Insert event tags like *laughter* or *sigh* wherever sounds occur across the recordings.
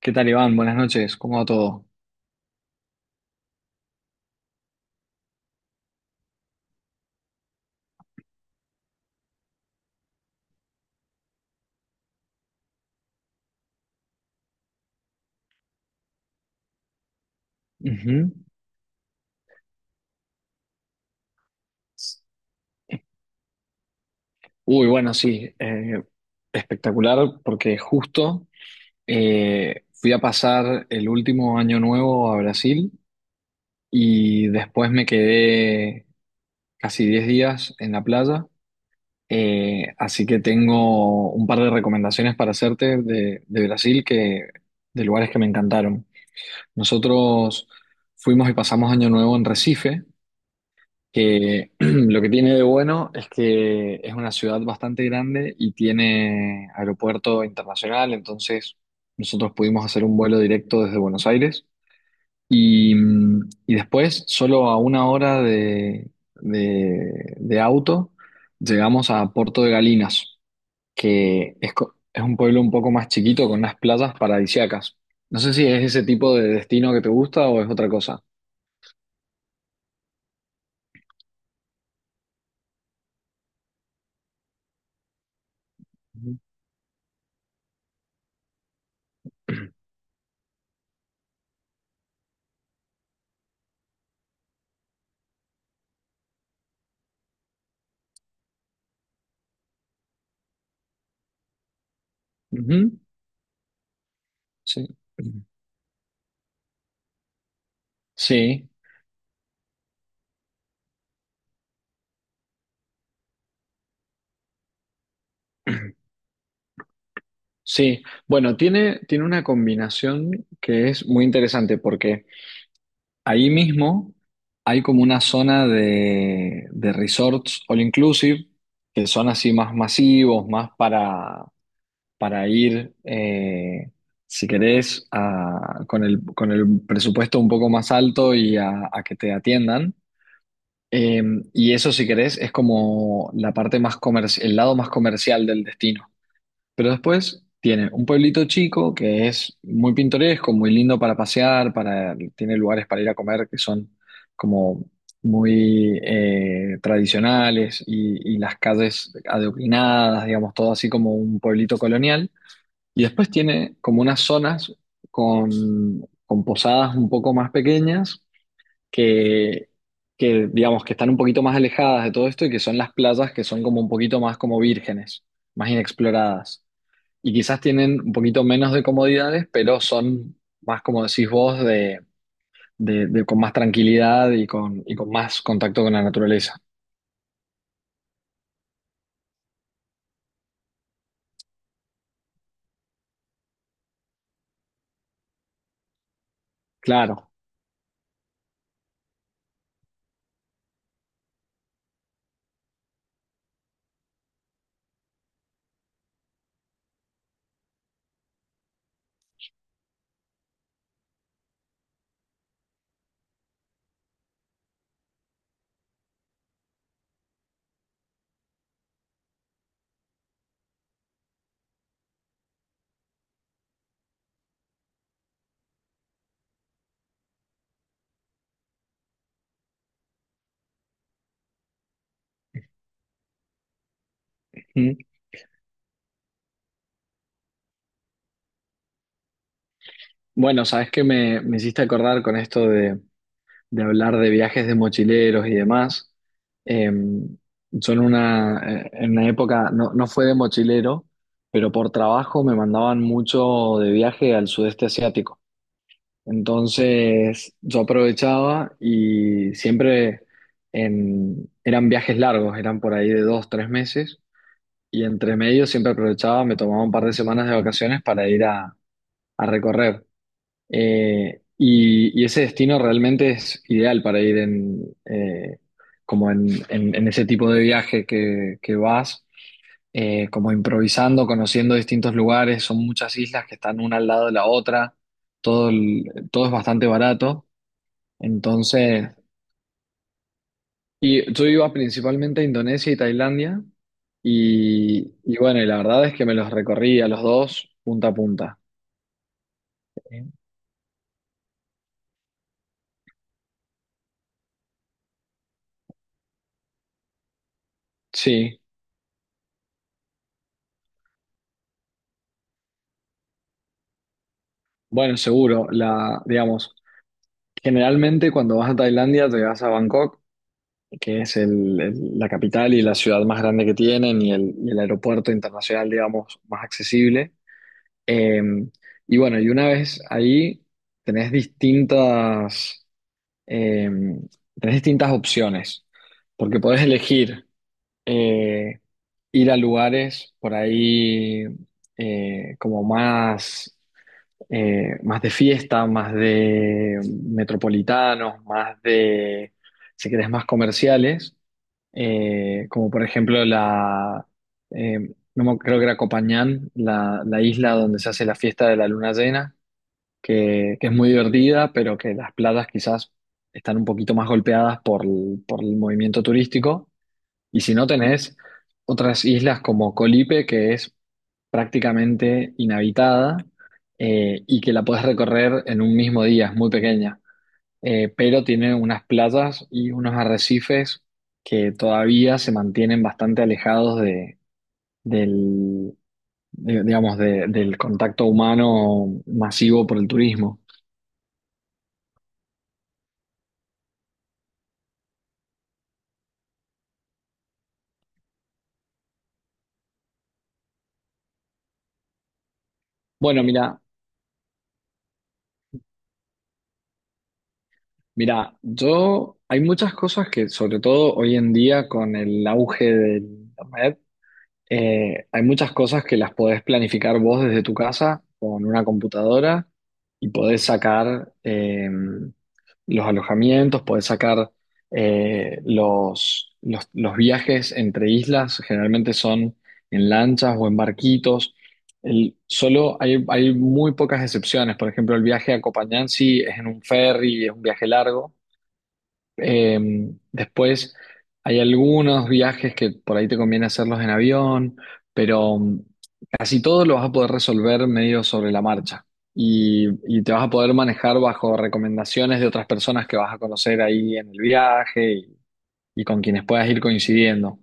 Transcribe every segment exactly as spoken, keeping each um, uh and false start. ¿Qué tal, Iván? Buenas noches, ¿cómo va todo? Ujú. Uy, bueno, sí, eh, espectacular porque justo eh, fui a pasar el último año nuevo a Brasil y después me quedé casi diez días en la playa. Eh, así que tengo un par de recomendaciones para hacerte de, de Brasil, que, de lugares que me encantaron. Nosotros fuimos y pasamos año nuevo en Recife, que *clears throat* lo que tiene de bueno es que es una ciudad bastante grande y tiene aeropuerto internacional. Entonces nosotros pudimos hacer un vuelo directo desde Buenos Aires y, mm, y después, solo a una hora de, de- de auto, llegamos a Puerto de Galinas, que es, co- es un pueblo un poco más chiquito con unas playas paradisíacas. No sé si es ese tipo de destino que te gusta o es otra cosa. Ujú. *clears throat* Ujú. Sí. Sí, Sí, bueno, tiene, tiene una combinación que es muy interesante porque ahí mismo hay como una zona de, de resorts all inclusive, que son así más masivos, más para, para ir, eh, si querés, a- con el, con el presupuesto un poco más alto y a, a que te atiendan. Eh, y eso, si querés, es como la parte más comerci- el lado más comercial del destino. Pero después tiene un pueblito chico que es muy pintoresco, muy lindo para pasear, para, tiene lugares para ir a comer que son como muy eh, tradicionales y, y las calles adoquinadas, digamos, todo así como un pueblito colonial. Y después tiene como unas zonas con, con posadas un poco más pequeñas que, que, digamos, que están un poquito más alejadas de todo esto, y que son las playas que son como un poquito más como vírgenes, más inexploradas, y quizás tienen un poquito menos de comodidades, pero son más, como decís vos, de, de- de con más tranquilidad y con, y con más contacto con la naturaleza. Claro. Mm. Bueno, sabes que me, me hiciste acordar con esto de, de hablar de viajes de mochileros y demás. Eh, yo en una, eh, en una época, no, no fue de mochilero, pero por trabajo me mandaban mucho de viaje al sudeste asiático. Entonces yo aprovechaba y siempre en- eran viajes largos, eran por ahí de dos, tres meses, y entre medio siempre aprovechaba, me tomaba un par de semanas de vacaciones para ir a, a recorrer. Eh, y, y ese destino realmente es ideal para ir en, eh, como en, en- en ese tipo de viaje que, que vas, eh, como improvisando, conociendo distintos lugares. Son muchas islas que están una al lado de la otra, todo, el- todo es bastante barato. Entonces, y yo iba principalmente a Indonesia y Tailandia y, y bueno, y la verdad es que me los recorrí a los dos punta a punta. Sí, bueno, seguro, la, digamos, generalmente cuando vas a Tailandia te vas a Bangkok, que es el- el- la capital y la ciudad más grande que tienen, y el, y el aeropuerto internacional, digamos, más accesible. Eh, y bueno, y una vez ahí tenés distintas eh, tenés distintas opciones, porque podés elegir eh, ir a lugares por ahí, eh, como más, eh, más de fiesta, más de metropolitanos, más de, si querés, más comerciales. Eh, como por ejemplo, la, eh, no me- creo que era Copañán, la, la isla donde se hace la fiesta de la luna llena, que, que es muy divertida, pero que las playas quizás están un poquito más golpeadas por el, por el movimiento turístico. Y si no, tenés otras islas como Colipe, que es prácticamente inhabitada, eh, y que la podés recorrer en un mismo día, es muy pequeña. Eh, pero tiene unas playas y unos arrecifes que todavía se mantienen bastante alejados de, del, de- digamos, de- del contacto humano masivo por el turismo. Bueno, mira, Mira, yo hay muchas cosas que, sobre todo hoy en día con el auge de internet, eh, hay muchas cosas que las podés planificar vos desde tu casa con una computadora, y podés sacar eh, los alojamientos, podés sacar eh, los, los, los viajes entre islas, generalmente son en lanchas o en barquitos. El- solo hay, hay muy pocas excepciones. Por ejemplo, el viaje a Copanhansi es en un ferry, es un viaje largo. eh, Después hay algunos viajes que por ahí te conviene hacerlos en avión, pero mm, casi todo lo vas a poder resolver medio sobre la marcha, y, y te vas a poder manejar bajo recomendaciones de otras personas que vas a conocer ahí en el viaje, y, y con quienes puedas ir coincidiendo.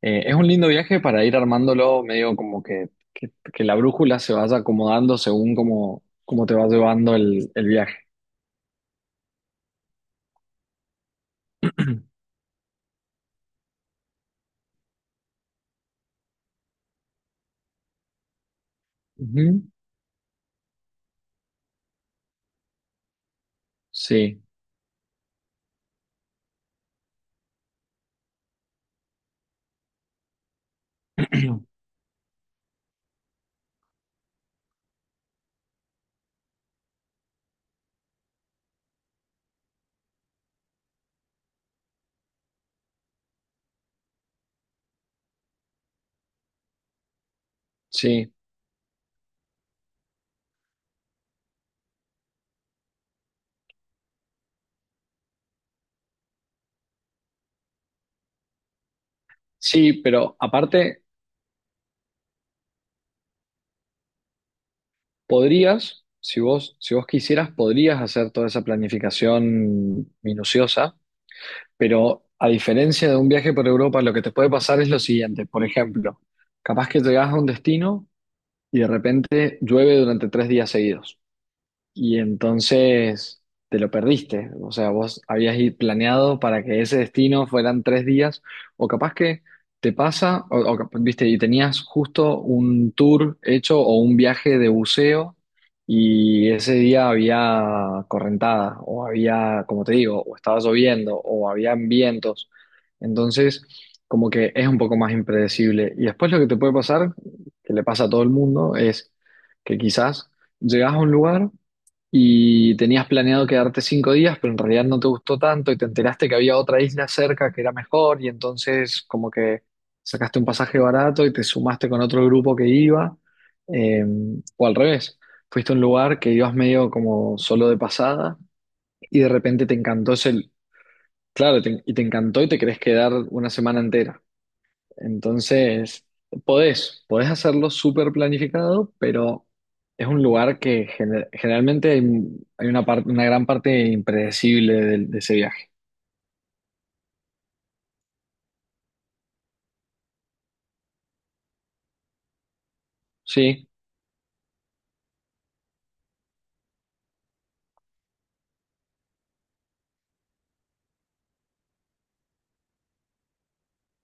Eh, es un lindo viaje para ir armándolo medio como que, que- que la brújula se vaya acomodando según cómo, cómo te va llevando el, el viaje. *clears throat* Ujú, sí. *clears throat* Sí, sí, pero aparte, podrías, si vos, si vos quisieras, podrías hacer toda esa planificación minuciosa, pero a diferencia de un viaje por Europa, lo que te puede pasar es lo siguiente. Por ejemplo, capaz que llegás a un destino, y de repente llueve durante tres días seguidos. Y entonces te lo perdiste. O sea, vos habías i- planeado para que ese destino fueran tres días, o capaz que te pasa, o, o cap- viste, y tenías justo un tour hecho o un viaje de buceo, y ese día había correntada, o había, como te digo, o estaba lloviendo, o habían vientos. Entonces, como que es un poco más impredecible. Y después lo que te puede pasar, que le pasa a todo el mundo, es que quizás llegas a un lugar y tenías planeado quedarte cinco días, pero en realidad no te gustó tanto y te enteraste que había otra isla cerca que era mejor, y entonces como que sacaste un pasaje barato y te sumaste con otro grupo que iba, eh, o al revés, fuiste a un lugar que ibas medio como solo de pasada y de repente te encantó ese, claro, te- y te encantó y te querés quedar una semana entera. Entonces, podés, podés hacerlo súper planificado, pero es un lugar que gener- generalmente hay, hay una parte, una gran parte impredecible del- de, ese viaje. Sí,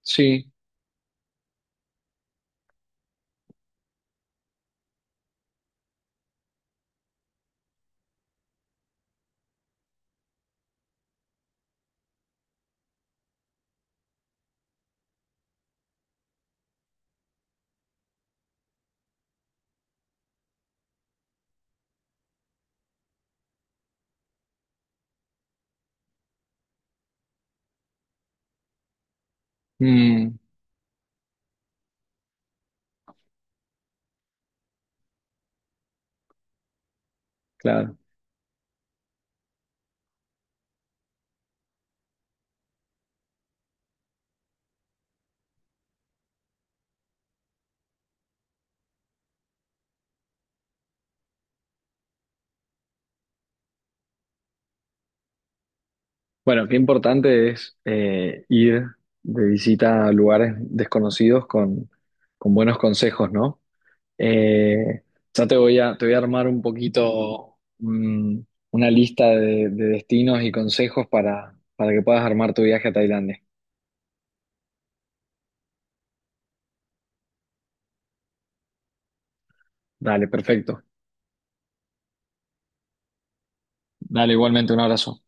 sí, mm, claro. Bueno, qué importante es, eh, ir de visita a lugares desconocidos con, con buenos consejos, ¿no? Eh, ya te voy a, te voy a armar un poquito, mm, una lista de, de destinos y consejos para, para que puedas armar tu viaje a Tailandia. Dale, perfecto. Dale, igualmente un abrazo.